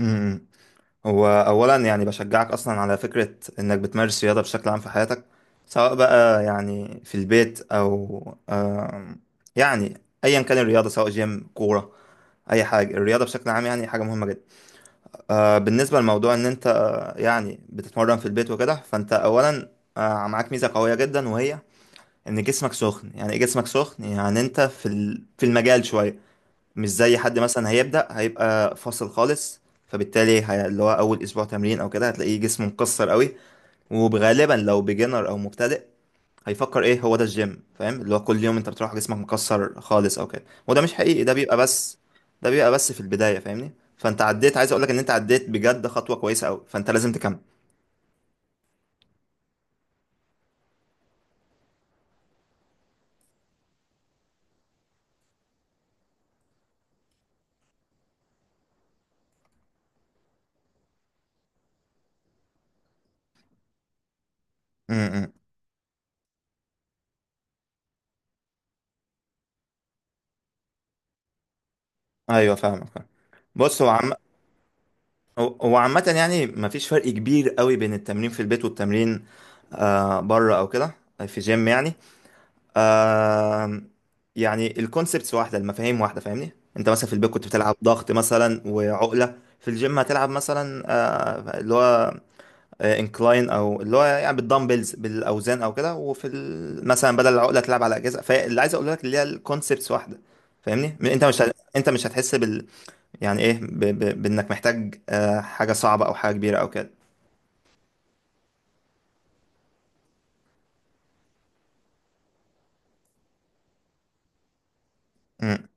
امم هو اولا، يعني بشجعك اصلا على فكره انك بتمارس رياضه بشكل عام في حياتك، سواء بقى يعني في البيت او آم، يعني، ايا كان الرياضه، سواء جيم، كوره، اي حاجه. الرياضه بشكل عام يعني حاجه مهمه جدا. بالنسبه لموضوع ان انت يعني بتتمرن في البيت وكده، فانت اولا معاك ميزه قويه جدا، وهي ان جسمك سخن. يعني إيه جسمك سخن؟ يعني انت في في المجال شويه، مش زي حد مثلا هيبدأ هيبقى فاصل خالص. فبالتالي اللي هو أول أسبوع تمرين أو كده هتلاقيه جسمه مكسر قوي، وغالبا لو بيجنر أو مبتدئ هيفكر، إيه هو ده الجيم؟ فاهم؟ اللي هو كل يوم أنت بتروح جسمك مكسر خالص أو كده، وده مش حقيقي، ده بيبقى بس، ده بيبقى بس في البداية، فاهمني؟ فأنت عديت، عايز أقولك إن أنت عديت بجد خطوة كويسة أوي، فأنت لازم تكمل. امم ايوه، فاهمك فاهم. بص، هو عامة يعني مفيش فرق كبير قوي بين التمرين في البيت والتمرين بره او كده، في جيم يعني. آم، يعني الكونسبتس واحده، المفاهيم واحده، فاهمني؟ انت مثلا في البيت كنت بتلعب ضغط مثلا وعقله، في الجيم هتلعب مثلا اللي هو انكلاين، او اللي هو يعني بالدمبلز بالاوزان او كده، وفي مثلا بدل العقله تلعب على اجهزه. فاللي عايز اقول لك اللي هي الكونسبتس واحده، فاهمني؟ انت مش انت مش هتحس بال، يعني ايه، بانك محتاج حاجه صعبه او حاجه كبيره او كده. مم.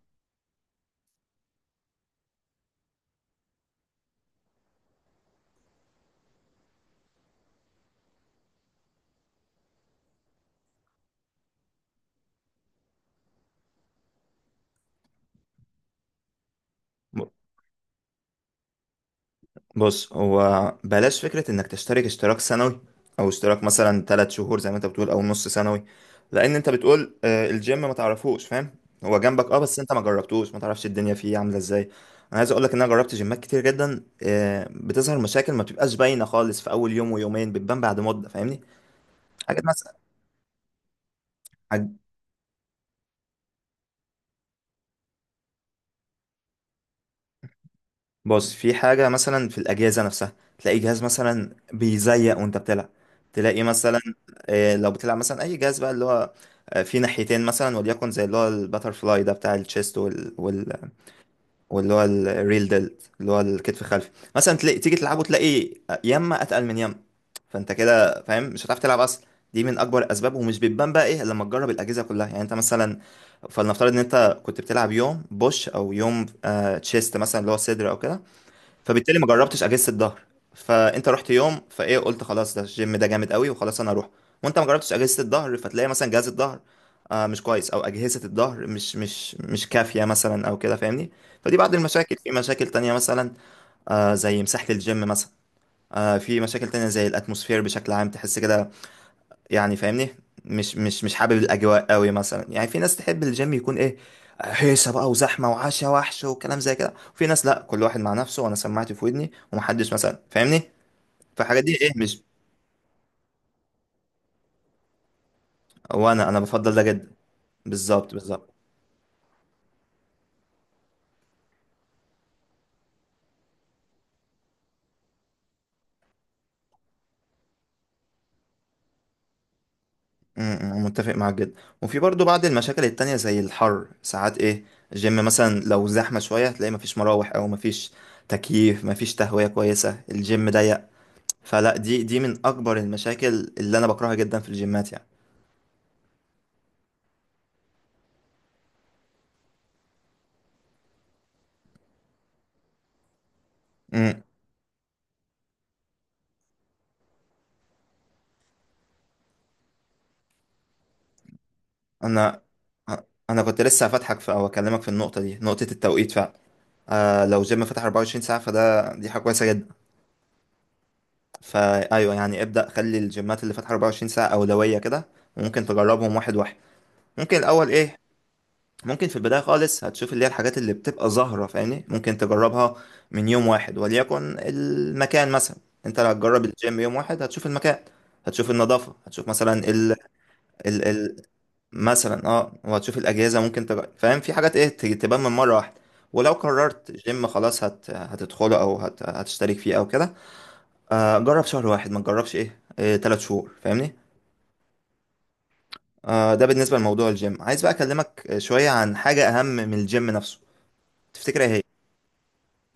بص، هو بلاش فكرة انك تشترك اشتراك سنوي، او اشتراك مثلا 3 شهور زي ما انت بتقول، او نص سنوي. لان انت بتقول الجيم ما تعرفوش، فاهم؟ هو جنبك اه، بس انت ما جربتوش، ما تعرفش الدنيا فيه عاملة ازاي. انا عايز اقولك ان انا جربت جيمات كتير جدا، بتظهر مشاكل ما بتبقاش باينة خالص في اول يوم ويومين، بتبان بعد مدة، فاهمني؟ حاجات مثلا، بص في حاجة مثلا في الأجهزة نفسها، تلاقي جهاز مثلا بيزيق وأنت بتلعب، تلاقي مثلا، لو بتلعب مثلا أي جهاز بقى اللي هو فيه ناحيتين مثلا، وليكن زي اللي هو الباتر فلاي ده بتاع التشيست، واللي هو الريل ديلت، اللي هو الكتف الخلفي، مثلا تلاقي تيجي تلعبه تلاقي يما أتقل من يما، فأنت كده فاهم مش هتعرف تلعب أصلا. دي من أكبر الأسباب، ومش بتبان بقى إيه إلا لما تجرب الأجهزة كلها. يعني أنت مثلا، فلنفترض إن أنت كنت بتلعب يوم بوش أو يوم تشيست مثلا، اللي هو صدر أو كده، فبالتالي ما جربتش اجهزه الظهر، فانت رحت يوم فايه قلت خلاص ده الجيم، ده جامد قوي، وخلاص انا اروح، وانت ما جربتش اجهزه الظهر، فتلاقي مثلا جهاز الظهر مش كويس، او اجهزه الظهر مش كافيه مثلا او كده، فاهمني؟ فدي بعض المشاكل، في مشاكل تانية مثلا زي مساحه الجيم مثلا، في مشاكل تانية زي الاتموسفير بشكل عام، تحس كده يعني، فاهمني؟ مش حابب الاجواء قوي مثلا. يعني في ناس تحب الجيم يكون ايه، هيصه بقى وزحمه وعشا وحش وكلام زي كده، وفي ناس لا، كل واحد مع نفسه، وانا سماعتي في ودني ومحدش مثلا، فاهمني؟ فالحاجات دي ايه مش، وانا انا بفضل ده جدا. بالظبط بالظبط. متفق معاك جدا. وفي برضو بعض المشاكل التانية زي الحر، ساعات ايه الجيم مثلا لو زحمه شويه، تلاقي مفيش مراوح، او مفيش تكييف، مفيش تهويه كويسه، الجيم ضيق. فلا دي دي من اكبر المشاكل اللي انا بكرهها جدا في الجيمات يعني. امم انا انا كنت لسه هفتحك في او اكلمك في النقطه دي، نقطه التوقيت فعلا. لو جيم فتح 24 ساعه، فده دي حاجه كويسه جدا. فايوه يعني، ابدا خلي الجيمات اللي فاتحه 24 ساعه اولويه كده، وممكن تجربهم واحد واحد. ممكن الاول ايه، ممكن في البدايه خالص هتشوف اللي هي الحاجات اللي بتبقى ظاهره، فاهمني؟ ممكن تجربها من يوم واحد، وليكن المكان مثلا، انت لو هتجرب الجيم يوم واحد هتشوف المكان، هتشوف النظافه، هتشوف مثلا، مثلا اه، وهتشوف الاجهزه، ممكن فاهم؟ في حاجات ايه تبان من مره واحده. ولو قررت جيم خلاص هتدخله، او هتشترك فيه او كده، جرب شهر واحد، ما تجربش ايه 3 شهور، فاهمني؟ ده بالنسبه لموضوع الجيم. عايز بقى اكلمك شويه عن حاجه اهم من الجيم نفسه. تفتكر ايه هي إيه؟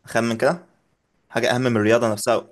خمن كده، حاجه اهم من الرياضه نفسها.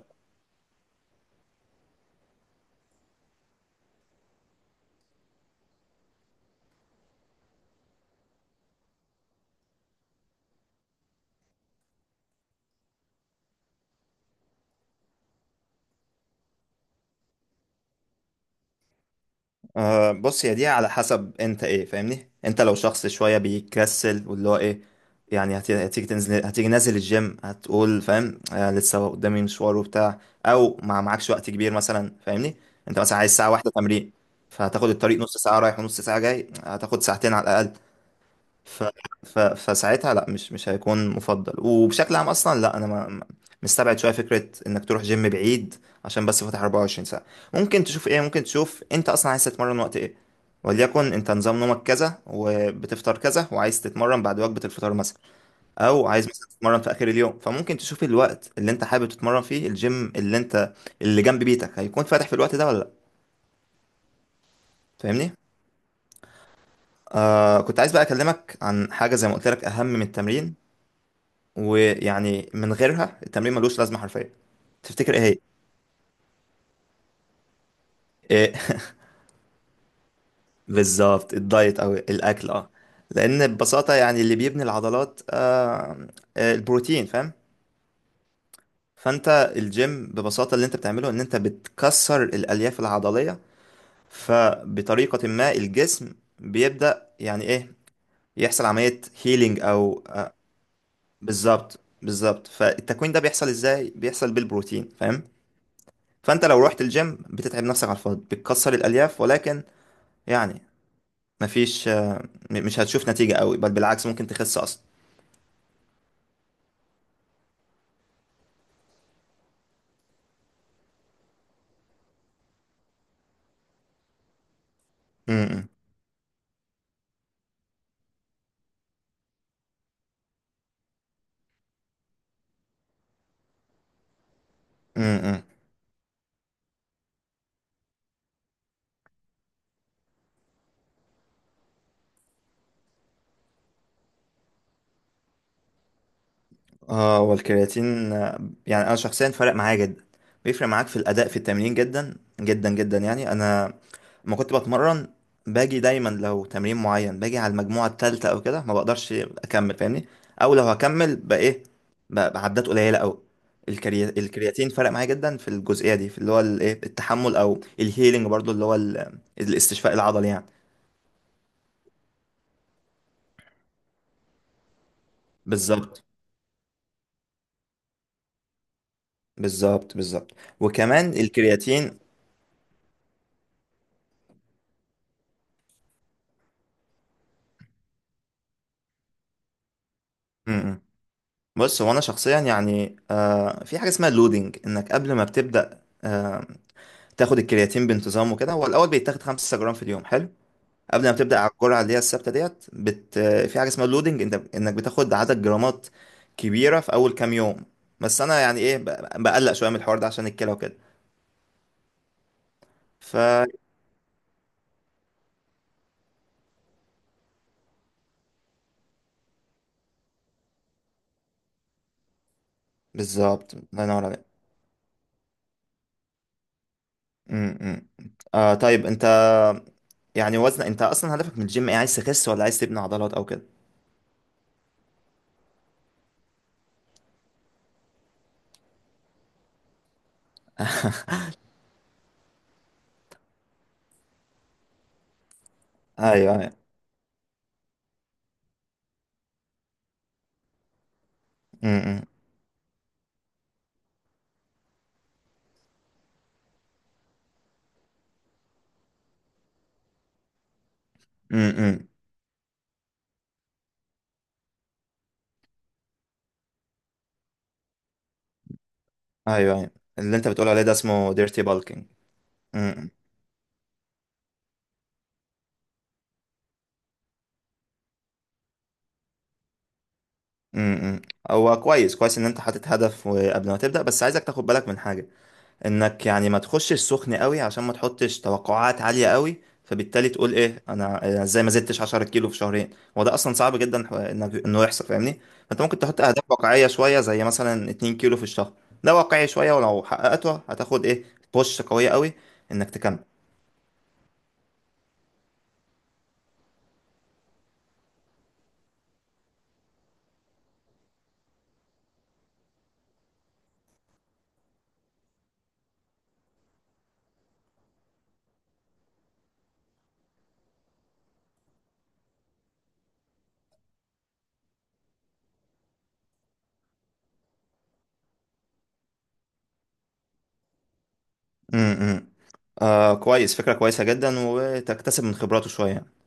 بص، هي دي على حسب انت ايه، فاهمني؟ انت لو شخص شويه بيكسل، واللي هو ايه، يعني هتيجي تنزل، هتيجي نازل الجيم هتقول فاهم لسه قدامي مشوار وبتاع، او ما معكش وقت كبير مثلا، فاهمني؟ انت مثلا عايز ساعه واحده تمرين، فهتاخد الطريق نص ساعه رايح ونص ساعه جاي، هتاخد ساعتين على الاقل. ف... فساعتها لا، مش هيكون مفضل. وبشكل عام اصلا لا، انا مستبعد شويه فكره انك تروح جيم بعيد عشان بس فاتح 24 ساعه. ممكن تشوف ايه، ممكن تشوف انت اصلا عايز تتمرن وقت ايه، وليكن انت نظام نومك كذا وبتفطر كذا وعايز تتمرن بعد وجبه الفطار مثلا، او عايز مثلا تتمرن في اخر اليوم، فممكن تشوف الوقت اللي انت حابب تتمرن فيه، الجيم اللي انت اللي جنب بيتك هيكون فاتح في الوقت ده ولا لا، فاهمني؟ كنت عايز بقى اكلمك عن حاجه زي ما قلت لك اهم من التمرين، ويعني من غيرها التمرين ملوش لازمه حرفيا. تفتكر ايه هي إيه؟ بالظبط، الدايت او الاكل اه. لان ببساطه يعني اللي بيبني العضلات البروتين، فاهم؟ فانت الجيم ببساطه اللي انت بتعمله ان انت بتكسر الالياف العضليه، فبطريقه ما الجسم بيبدا يعني ايه، يحصل عمليه هيلينج او بالظبط بالظبط. فالتكوين ده بيحصل ازاي؟ بيحصل بالبروتين، فاهم؟ فانت لو رحت الجيم بتتعب نفسك على الفاضي، بتكسر الالياف ولكن يعني مفيش مش هتشوف نتيجة قوي، بل بالعكس ممكن تخس اصلا. امم اه، والكرياتين يعني انا شخصيا فرق معايا جدا. بيفرق معاك في الاداء في التمرين جدا جدا جدا. يعني انا لما كنت بتمرن باجي دايما، لو تمرين معين باجي على المجموعه الثالثه او كده ما بقدرش اكمل، فاهمني؟ او لو هكمل بقى ايه بقى بعدات قليله قوي. الكرياتين فرق معايا جدا في الجزئيه دي، في اللي هو الايه التحمل، او الهيلينج برضو اللي هو الاستشفاء العضلي يعني. بالظبط بالظبط بالظبط. وكمان الكرياتين. م- م. بص، هو انا شخصيا يعني في حاجه اسمها اللودنج، انك قبل ما بتبدا تاخد الكرياتين بانتظام وكده، هو الاول بيتاخد 5 جرام في اليوم حلو، قبل ما بتبدا على الجرعه اللي هي الثابته. ديت بت في حاجه اسمها اللودنج، انت انك بتاخد عدد جرامات كبيره في اول كام يوم. بس انا يعني ايه بقلق شويه من الحوار ده عشان الكلى وكده. ف بالظبط، الله ينور عليك. م- م. طيب انت، يعني وزن، انت اصلا هدفك من الجيم ايه، عايز تخس ولا عايز تبني عضلات او كده؟ ايوه ايوه. م- م. م- م. ايوه ايوه. اللي انت بتقول عليه ده اسمه ديرتي بالكينج. امم هو كويس كويس ان انت حاطط هدف قبل ما تبدا، بس عايزك تاخد بالك من حاجه، انك يعني ما تخشش سخن قوي، عشان ما تحطش توقعات عاليه قوي، فبالتالي تقول ايه، انا أنا ازاي ما زدتش 10 كيلو في شهرين. هو ده اصلا صعب جدا، انك انه يحصل، فاهمني؟ فانت ممكن تحط اهداف واقعيه شويه، زي مثلا 2 كيلو في الشهر. ده واقعي شويه، ولو حققته هتاخد ايه بوش قويه قوي انك تكمل. امم كويس، فكرة كويسة جدا، وتكتسب من خبراته شوية.